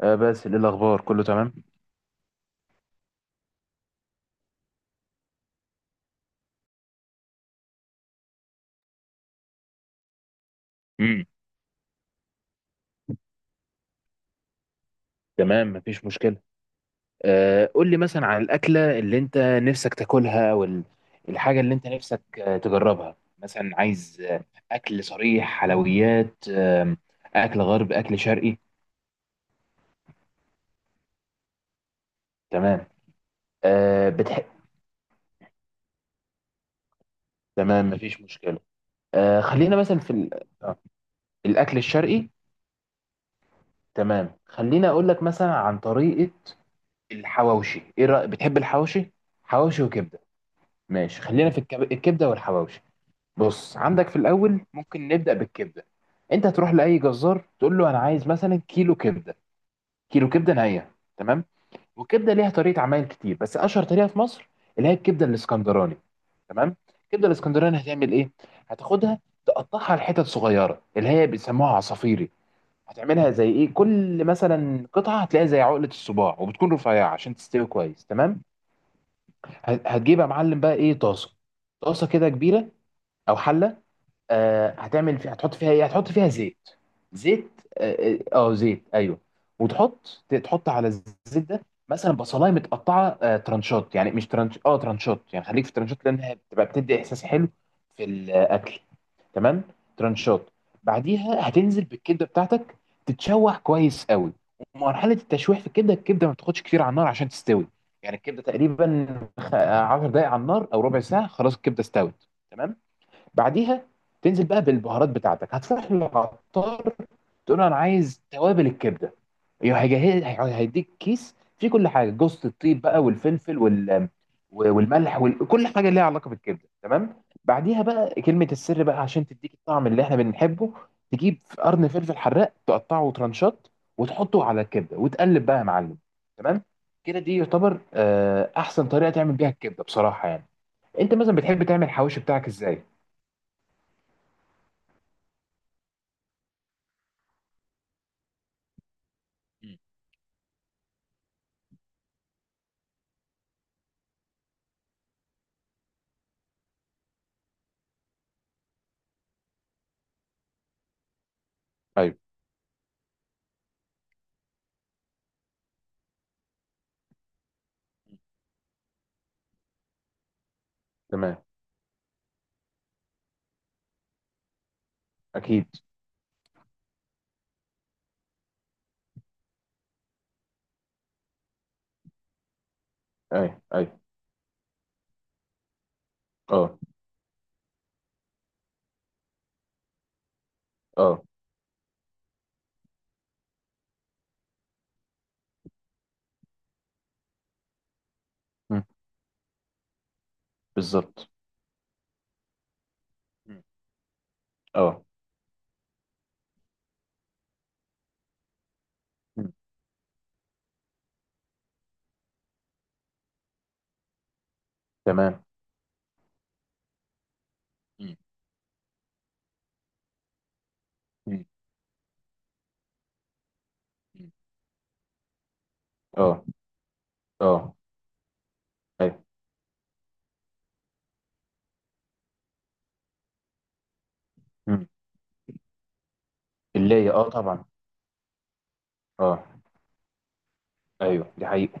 آه، بس ايه الاخبار، كله تمام؟ امم تمام، مفيش مشكله. آه، قول لي مثلا عن الاكله اللي انت نفسك تاكلها، الحاجه اللي انت نفسك تجربها، مثلا عايز اكل صريح، حلويات، اكل غرب، اكل شرقي؟ تمام. آه، بتحب. تمام، مفيش مشكله. آه، خلينا مثلا في ال... آه الاكل الشرقي. تمام، خلينا اقول لك مثلا عن طريقه الحواوشي، ايه رايك؟ بتحب الحواوشي، حواوشي وكبده؟ ماشي، خلينا في الكبده والحواوشي. بص، عندك في الاول ممكن نبدا بالكبده. انت هتروح لاي جزار تقول له انا عايز مثلا كيلو كبده، كيلو كبده نيه، تمام. والكبده ليها طريقه عمايل كتير، بس اشهر طريقه في مصر اللي هي الكبده الاسكندراني. تمام. الكبده الاسكندراني هتعمل ايه؟ هتاخدها، تقطعها لحتت صغيره اللي هي بيسموها عصافيري، هتعملها زي ايه؟ كل مثلا قطعه هتلاقيها زي عقله الصباع، وبتكون رفيعه عشان تستوي كويس، تمام. هتجيب يا معلم بقى ايه؟ طاسه، طاسه كده كبيره، او حله. هتعمل فيها، هتحط فيها ايه؟ هتحط فيها زيت. زيت، زيت، ايوه. وتحط على الزيت ده مثلا بصلايه متقطعه ترانشات، يعني مش ترانش، ترانشات، يعني خليك في ترانشات لانها بتبقى بتدي احساس حلو في الاكل، تمام. ترانشات. بعديها هتنزل بالكبده بتاعتك، تتشوح كويس قوي. ومرحله التشويح في الكبده، الكبده ما بتاخدش كتير على النار عشان تستوي. يعني الكبده تقريبا 10 دقائق على النار او ربع ساعه، خلاص الكبده استوت، تمام. بعديها تنزل بقى بالبهارات بتاعتك، هتروح للعطار تقول له انا عايز توابل الكبده، هيجهز هيديك كيس فيه كل حاجه، جوزة الطيب بقى والفلفل والملح، وكل حاجه ليها علاقه بالكبده، تمام. بعديها بقى كلمه السر بقى عشان تديك الطعم اللي احنا بنحبه، تجيب قرن فلفل حراق تقطعه ترانشات وتحطه على الكبده، وتقلب بقى يا معلم، تمام. كده دي يعتبر احسن طريقه تعمل بيها الكبده بصراحه. يعني انت مثلا بتحب تعمل الحواوشي بتاعك ازاي؟ مم. ايوه. تمام. اكيد. اي. اي. اه. اه. مم. بالظبط. مم. اه. مم. تمام. مم. مم. مم. اه. اه. اي. مم. اللي طبعا. اه. ايوه، دي حقيقة.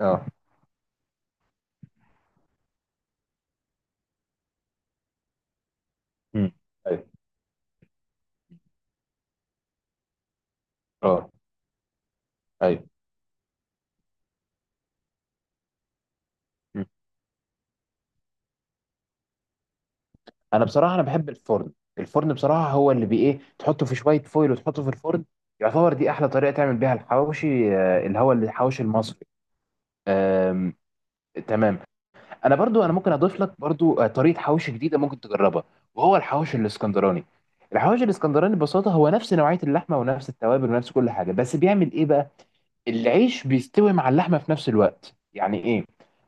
اه. مم. اي. اه. اي. مم. انا بصراحة انا بحب الفرن. الفرن بصراحة هو اللي بي ايه، تحطه في شوية فويل وتحطه في الفرن، يعتبر دي احلى طريقة تعمل بيها الحواوشي، اللي هو الحواوشي المصري. آم، تمام. انا برضو انا ممكن اضيف لك برضو طريقه حواوشي جديده ممكن تجربها، وهو الحواوشي الاسكندراني. الحواوشي الاسكندراني ببساطه هو نفس نوعيه اللحمه، ونفس التوابل، ونفس كل حاجه، بس بيعمل ايه بقى؟ العيش بيستوي مع اللحمه في نفس الوقت. يعني ايه؟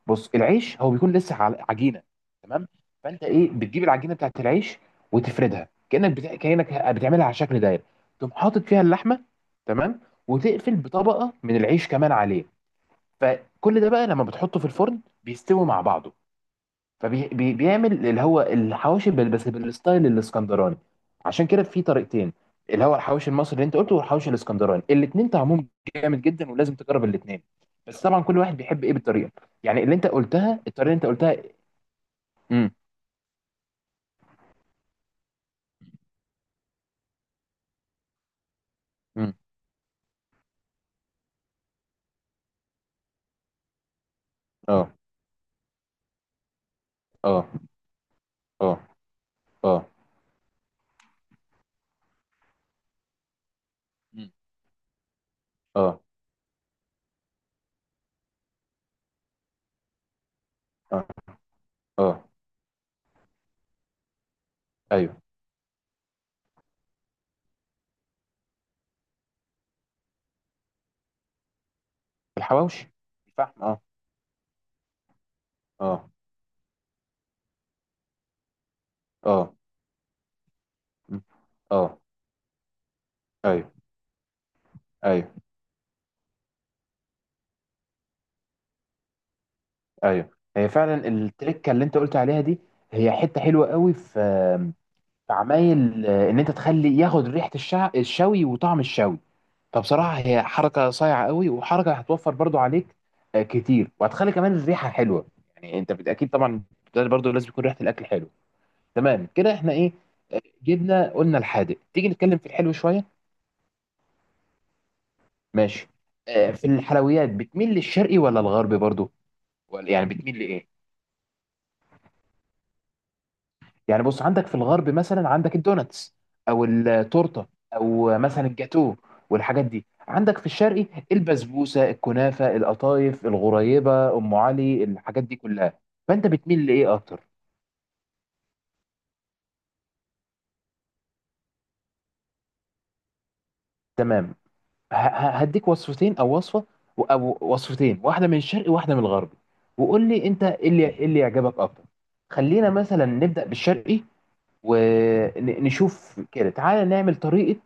بص، العيش هو بيكون لسه عجينه، تمام. فانت ايه؟ بتجيب العجينه بتاعت العيش وتفردها كانك بتعملها على شكل دايره، تقوم حاطط فيها اللحمه، تمام. وتقفل بطبقه من العيش كمان عليه، فكل ده بقى لما بتحطه في الفرن بيستوي مع بعضه، فبيعمل اللي هو الحواوشي بس بالستايل الاسكندراني. عشان كده في طريقتين، اللي هو الحواوشي المصري اللي انت قلته والحواوشي الاسكندراني، الاثنين طعمهم جامد جدا، ولازم تجرب الاثنين. بس طبعا كل واحد بيحب ايه بالطريقه، يعني اللي انت قلتها، الطريقه اللي انت قلتها. امم امم اه. اه. اه. اه. مم. اه. اه. اه. ايوه. الحواوشي. الفحم، اه. اه. اه. مم. اه. ايوه. ايوه. ايوه، هي فعلا التركه اللي انت قلت عليها دي، هي حته حلوه قوي في عمايل، ان انت تخلي ياخد ريحه الشوي وطعم الشوي. فبصراحه هي حركه صايعه قوي، وحركه هتوفر برضو عليك كتير، وهتخلي كمان الريحه حلوه، يعني انت اكيد طبعا، ده برضو لازم يكون ريحه الاكل حلوه، تمام. كده احنا ايه، جبنا قلنا الحادق، تيجي نتكلم في الحلو شويه؟ ماشي. في الحلويات بتميل للشرقي ولا الغربي برضو، ولا يعني بتميل لايه؟ يعني بص، عندك في الغرب مثلا عندك الدوناتس، او التورته، او مثلا الجاتو، والحاجات دي. عندك في الشرقي البسبوسه، الكنافه، القطايف، الغريبه، ام علي، الحاجات دي كلها. فانت بتميل لايه اكتر؟ تمام. هديك وصفتين او وصفه، او وصفتين، واحده من الشرقي وواحده من الغرب، وقول لي انت ايه اللي إيه اللي يعجبك اكتر. خلينا مثلا نبدا بالشرقي ونشوف كده، تعالى نعمل طريقه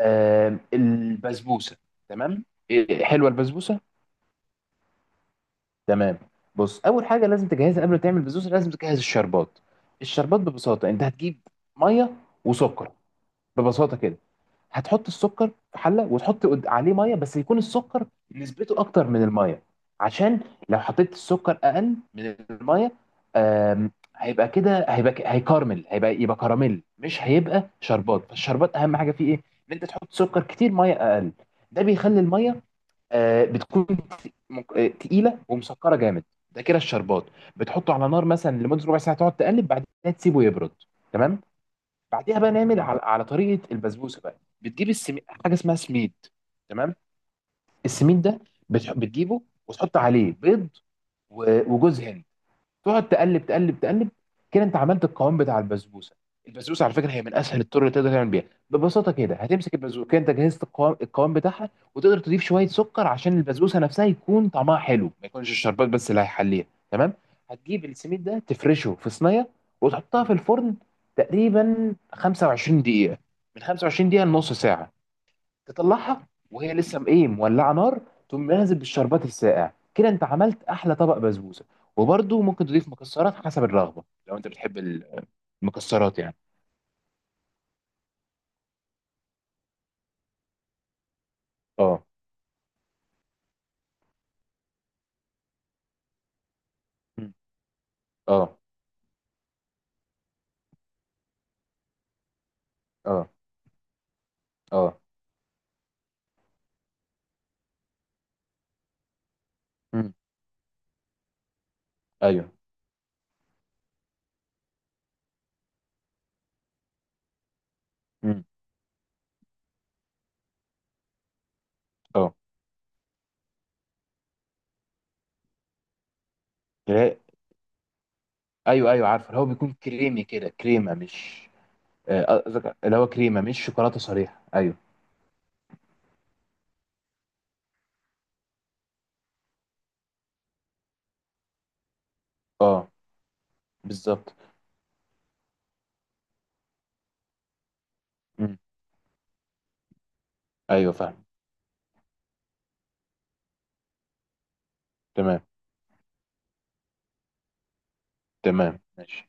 البسبوسه. تمام. إيه، حلوه البسبوسه. تمام. بص اول حاجه لازم تجهزها قبل ما تعمل البسبوسه، لازم تجهز الشربات. الشربات ببساطه انت هتجيب ميه وسكر، ببساطه كده. هتحط السكر في حله وتحط عليه ميه، بس يكون السكر نسبته اكتر من الميه. عشان لو حطيت السكر اقل من الميه، آم، هيبقى كده، هيبقى هيكرمل، يبقى كراميل، مش هيبقى شربات. فالشربات اهم حاجه فيه ايه؟ ان انت تحط سكر كتير، ميه اقل. ده بيخلي الميه بتكون تقيله ومسكره جامد. ده كده الشربات. بتحطه على نار مثلا لمده ربع ساعه، تقعد تقلب، بعدين تسيبه يبرد، تمام. بعديها بقى نعمل على طريقه البسبوسه بقى. بتجيب حاجه اسمها سميد، تمام. السميد ده بتجيبه، وتحط عليه بيض و... وجوز هند، تقعد تقلب تقلب تقلب، كده انت عملت القوام بتاع البسبوسه. البسبوسه على فكره هي من اسهل الطرق اللي تقدر تعمل بيها، ببساطه كده هتمسك البسبوسه. كده انت جهزت القوام القوام بتاعها، وتقدر تضيف شويه سكر عشان البسبوسه نفسها يكون طعمها حلو، ما يكونش الشربات بس اللي هيحليها، تمام. هتجيب السميد ده تفرشه في صينيه وتحطها في الفرن تقريبا 25 دقيقه، من 25 دقيقه لنص ساعه. تطلعها وهي لسه ايه، مولعه نار، تقوم نازل بالشربات الساقع، كده انت عملت احلى طبق بسبوسه. وبرده ممكن تضيف مكسرات حسب الرغبه، لو انت بتحب المكسرات يعني. اه. مم. اه. اه. اه. مم. ايوه. مم. اه. كرا- ايوه، ايوه، عارف، اللي هو بيكون كريمي كده، كريمه مش... قصدك اللي هو كريمه مش شوكولاته صريحه. ايوه. اه، بالظبط. مم. ايوه، فاهم. تمام. تمام، ماشي.